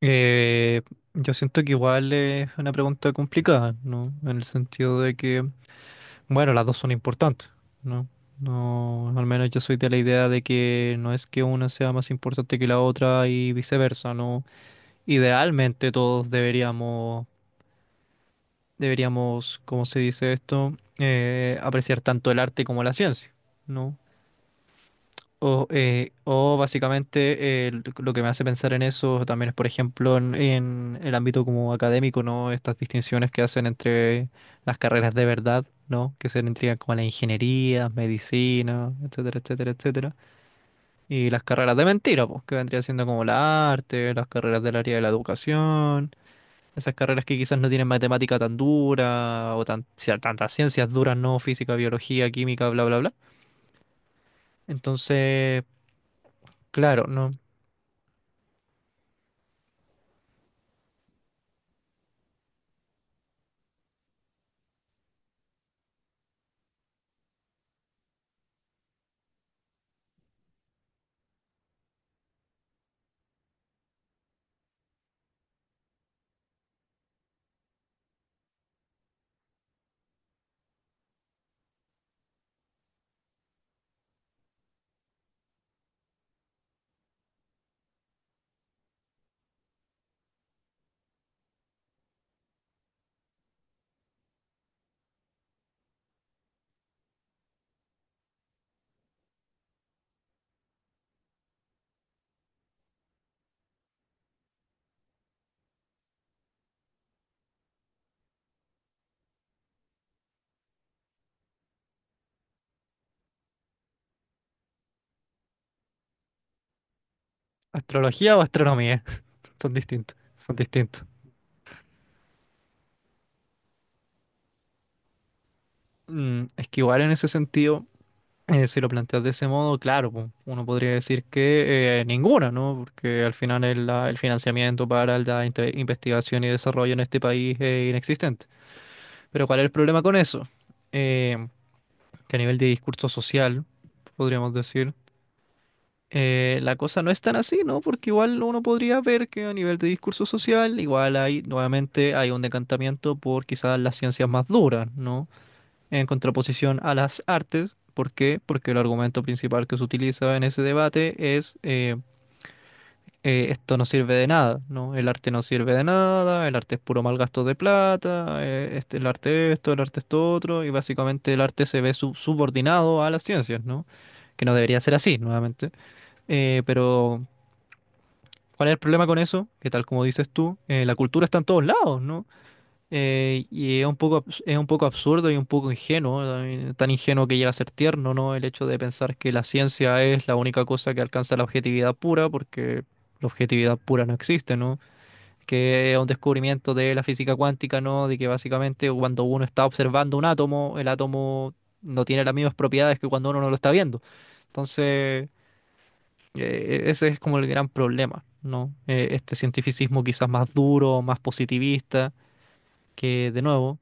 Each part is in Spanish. Eh, yo siento que igual es una pregunta complicada, ¿no? En el sentido de que, bueno, las dos son importantes, ¿no? No, al menos yo soy de la idea de que no es que una sea más importante que la otra y viceversa, ¿no? Idealmente todos deberíamos, ¿cómo se dice esto? Apreciar tanto el arte como la ciencia, ¿no? O básicamente lo que me hace pensar en eso también es, por ejemplo, en el ámbito como académico, ¿no? Estas distinciones que hacen entre las carreras de verdad, ¿no? Que se entregan como la ingeniería, medicina, etcétera, etcétera, etcétera. Y las carreras de mentira, pues, que vendría siendo como la arte, las carreras del área de la educación, esas carreras que quizás no tienen matemática tan dura o tan, sea, tantas ciencias duras, ¿no? Física, biología, química, bla, bla, bla. Entonces... Claro, no. ¿Astrología o astronomía? Son distintos, son distintos. Mm, es que igual en ese sentido, si lo planteas de ese modo, claro, pu, uno podría decir que ninguna, ¿no? Porque al final el financiamiento para la investigación y desarrollo en este país es inexistente. Pero ¿cuál es el problema con eso? Eh, que a nivel de discurso social, podríamos decir. La cosa no es tan así, ¿no? Porque igual uno podría ver que a nivel de discurso social, igual hay, nuevamente, hay un decantamiento por quizás las ciencias más duras, ¿no? En contraposición a las artes. ¿Por qué? Porque el argumento principal que se utiliza en ese debate es esto no sirve de nada, ¿no? El arte no sirve de nada, el arte es puro mal gasto de plata, este, el arte esto otro, y básicamente el arte se ve subordinado a las ciencias, ¿no? Que no debería ser así, nuevamente. Pero ¿cuál es el problema con eso? Que tal como dices tú, la cultura está en todos lados, ¿no? Y es un poco, es un poco absurdo y un poco ingenuo, también, tan ingenuo que llega a ser tierno, ¿no? El hecho de pensar que la ciencia es la única cosa que alcanza la objetividad pura, porque la objetividad pura no existe, ¿no? Que es un descubrimiento de la física cuántica, ¿no? De que básicamente cuando uno está observando un átomo, el átomo no tiene las mismas propiedades que cuando uno no lo está viendo. Entonces... Ese es como el gran problema, ¿no? Este cientificismo quizás más duro, más positivista, que de nuevo,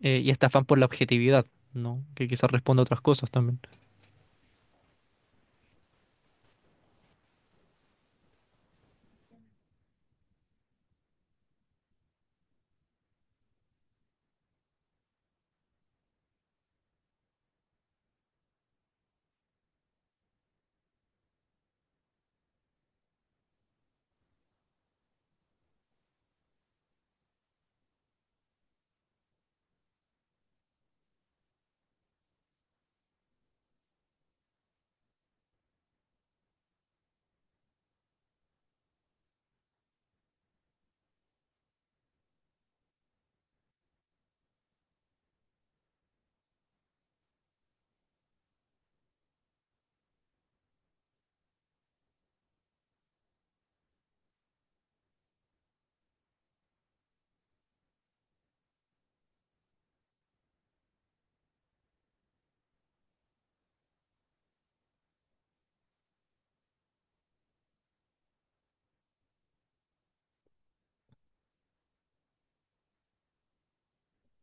y este afán por la objetividad, ¿no? Que quizás responde a otras cosas también.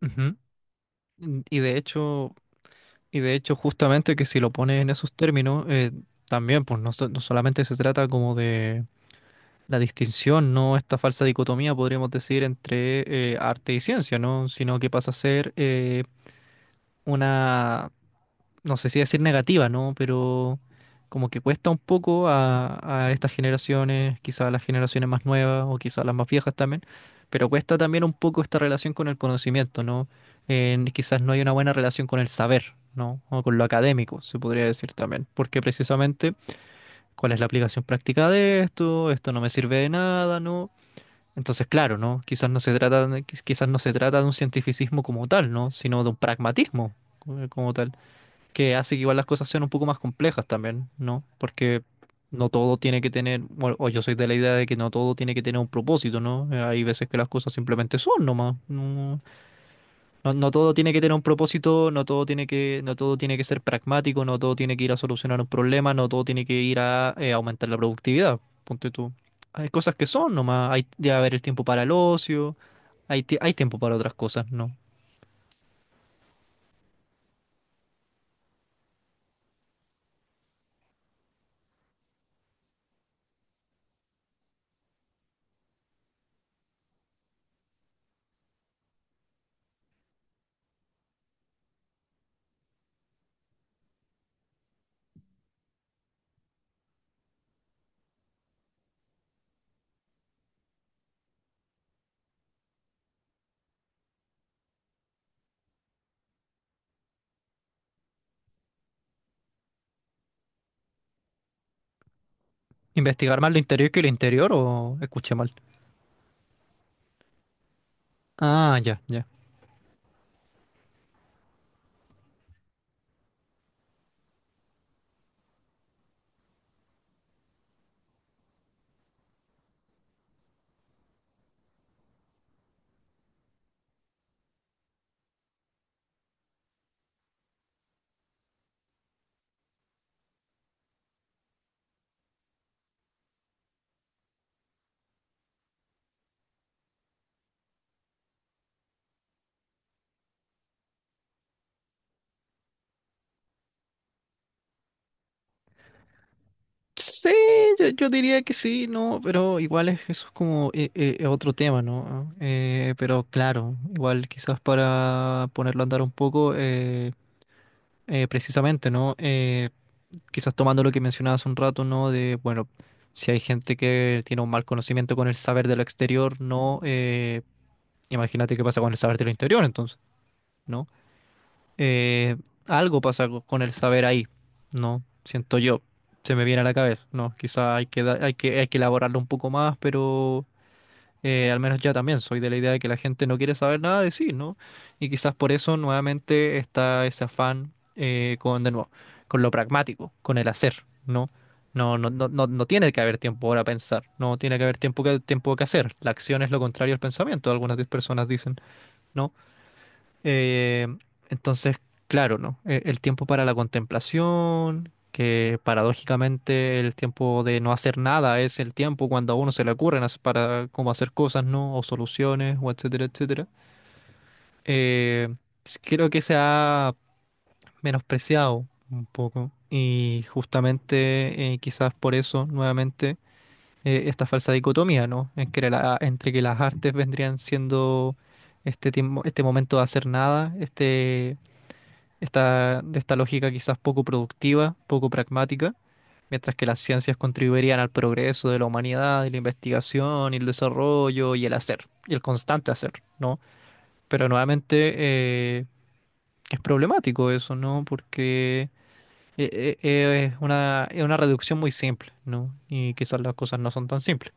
Ujú. Mm, y de hecho, y de hecho, justamente que si lo pones en esos términos, también, pues no, no solamente se trata como de la distinción, ¿no? Esta falsa dicotomía, podríamos decir, entre arte y ciencia, ¿no? Sino que pasa a ser una no sé si decir negativa, ¿no? Pero como que cuesta un poco a estas generaciones, quizá a las generaciones más nuevas o quizá a las más viejas también, pero cuesta también un poco esta relación con el conocimiento, ¿no? Quizás no hay una buena relación con el saber, ¿no? O con lo académico, se podría decir también, porque precisamente, ¿cuál es la aplicación práctica de esto? Esto no me sirve de nada, ¿no? Entonces, claro, ¿no? Quizás no se trata, quizás no se trata de un cientificismo como tal, ¿no? Sino de un pragmatismo como tal que hace que igual las cosas sean un poco más complejas también, ¿no? Porque no todo tiene que tener, bueno, o yo soy de la idea de que no todo tiene que tener un propósito, ¿no? Hay veces que las cosas simplemente son nomás. No, no, no todo tiene que tener un propósito, no todo tiene que, no todo tiene que ser pragmático, no todo tiene que ir a solucionar un problema, no todo tiene que ir a aumentar la productividad, ponte tú. Hay cosas que son nomás, hay de haber el tiempo para el ocio, hay tiempo para otras cosas, ¿no? ¿Investigar más lo interior que el interior o escuché mal? Ah, ya, ya. Sí, yo diría que sí, no, pero igual es, eso es como otro tema, ¿no? Pero claro, igual quizás para ponerlo a andar un poco, precisamente, ¿no? Quizás tomando lo que mencionabas un rato, ¿no? De, bueno, si hay gente que tiene un mal conocimiento con el saber de lo exterior, ¿no? Imagínate qué pasa con el saber de lo interior, entonces, ¿no? Eh, Algo pasa con el saber ahí, ¿no? Siento yo, se me viene a la cabeza, ¿no? Quizá hay que, hay que, hay que elaborarlo un poco más, pero al menos ya también soy de la idea de que la gente no quiere saber nada de sí, ¿no? Y quizás por eso nuevamente está ese afán con, de nuevo, con lo pragmático, con el hacer, ¿no? No, no, no, no, no tiene que haber tiempo para pensar, no tiene que haber tiempo que hacer. La acción es lo contrario al pensamiento, algunas personas dicen, ¿no? Eh, entonces, claro, ¿no? El tiempo para la contemplación, que paradójicamente el tiempo de no hacer nada es el tiempo cuando a uno se le ocurren para cómo hacer cosas, ¿no? O soluciones, o etcétera, etcétera. Eh, Creo que se ha menospreciado un poco y justamente quizás por eso, nuevamente, esta falsa dicotomía, ¿no? En que entre que las artes vendrían siendo este tiempo, este momento de hacer nada, de esta lógica quizás poco productiva, poco pragmática, mientras que las ciencias contribuirían al progreso de la humanidad, y la investigación, y el desarrollo, y el hacer, y el constante hacer, ¿no? Pero nuevamente es problemático eso, ¿no? Porque es una reducción muy simple, ¿no? Y quizás las cosas no son tan simples.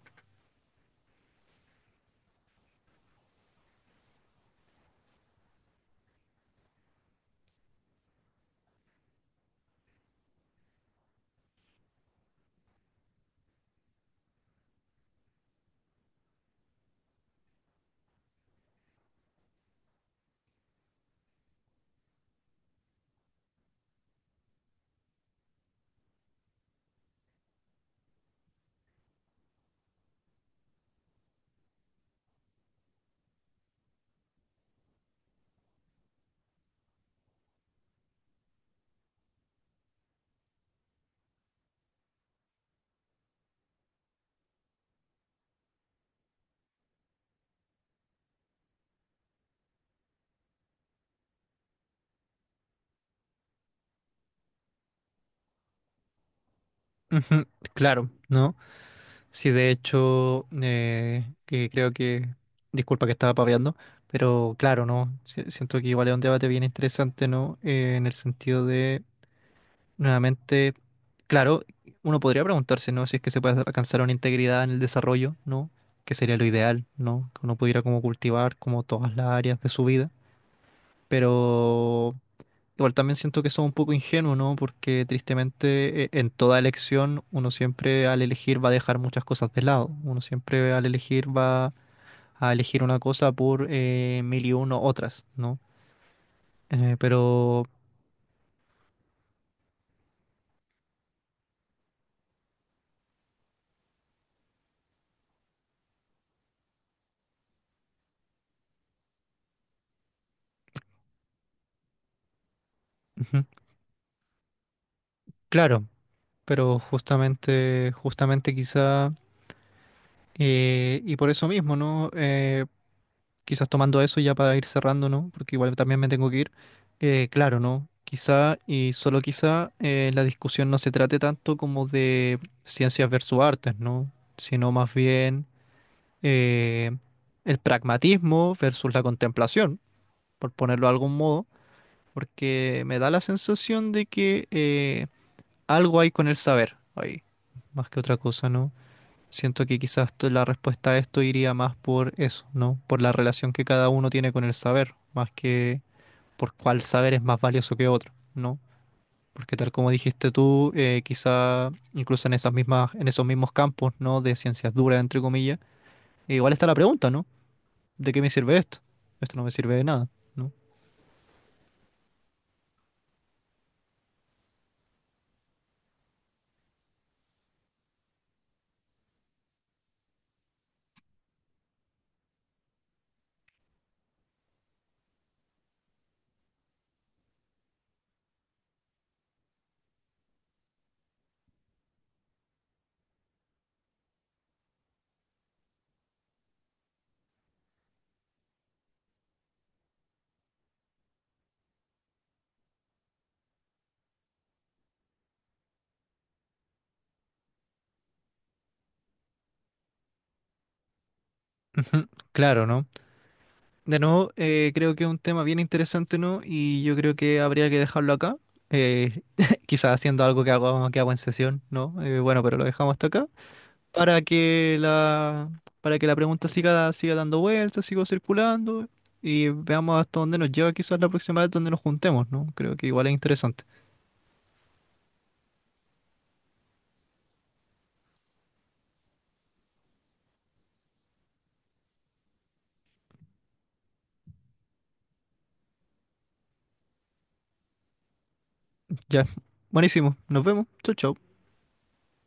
Ujú, claro, ¿no? Sí, de hecho, que creo que, disculpa que estaba paveando, pero claro, ¿no? Siento que igual es un debate bien interesante, ¿no? En el sentido de, nuevamente, claro, uno podría preguntarse, ¿no? Si es que se puede alcanzar una integridad en el desarrollo, ¿no? Que sería lo ideal, ¿no? Que uno pudiera como cultivar como todas las áreas de su vida, pero igual también siento que somos un poco ingenuos, ¿no? Porque tristemente en toda elección uno siempre al elegir va a dejar muchas cosas de lado. Uno siempre al elegir va a elegir una cosa por mil y uno otras, ¿no? Pero, ujú, claro, pero justamente, justamente quizá, y por eso mismo, ¿no? Quizás tomando eso ya para ir cerrando, ¿no? Porque igual también me tengo que ir. Claro, ¿no? Quizá y solo quizá la discusión no se trate tanto como de ciencias versus artes, ¿no? Sino más bien eh, el pragmatismo versus la contemplación, por ponerlo de algún modo, porque me da la sensación de que algo hay con el saber ahí, más que otra cosa, ¿no? Siento que quizás la respuesta a esto iría más por eso, ¿no? Por la relación que cada uno tiene con el saber, más que por cuál saber es más valioso que otro, ¿no? Porque tal como dijiste tú, quizá incluso en esas mismas, en esos mismos campos, ¿no? De ciencias duras, entre comillas, igual está la pregunta, ¿no? ¿De qué me sirve esto? Esto no me sirve de nada, ¿no? Ujú, claro, ¿no? De nuevo, creo que es un tema bien interesante, ¿no? Y yo creo que habría que dejarlo acá. eh, Quizás haciendo algo que hago en sesión, ¿no? Bueno, pero lo dejamos hasta acá. Para que la, para que la pregunta siga, siga dando vueltas, siga circulando. Y veamos hasta dónde nos lleva quizás la próxima vez donde nos juntemos, ¿no? Creo que igual es interesante. Ya. Buenísimo. Nos vemos. Chau, chau.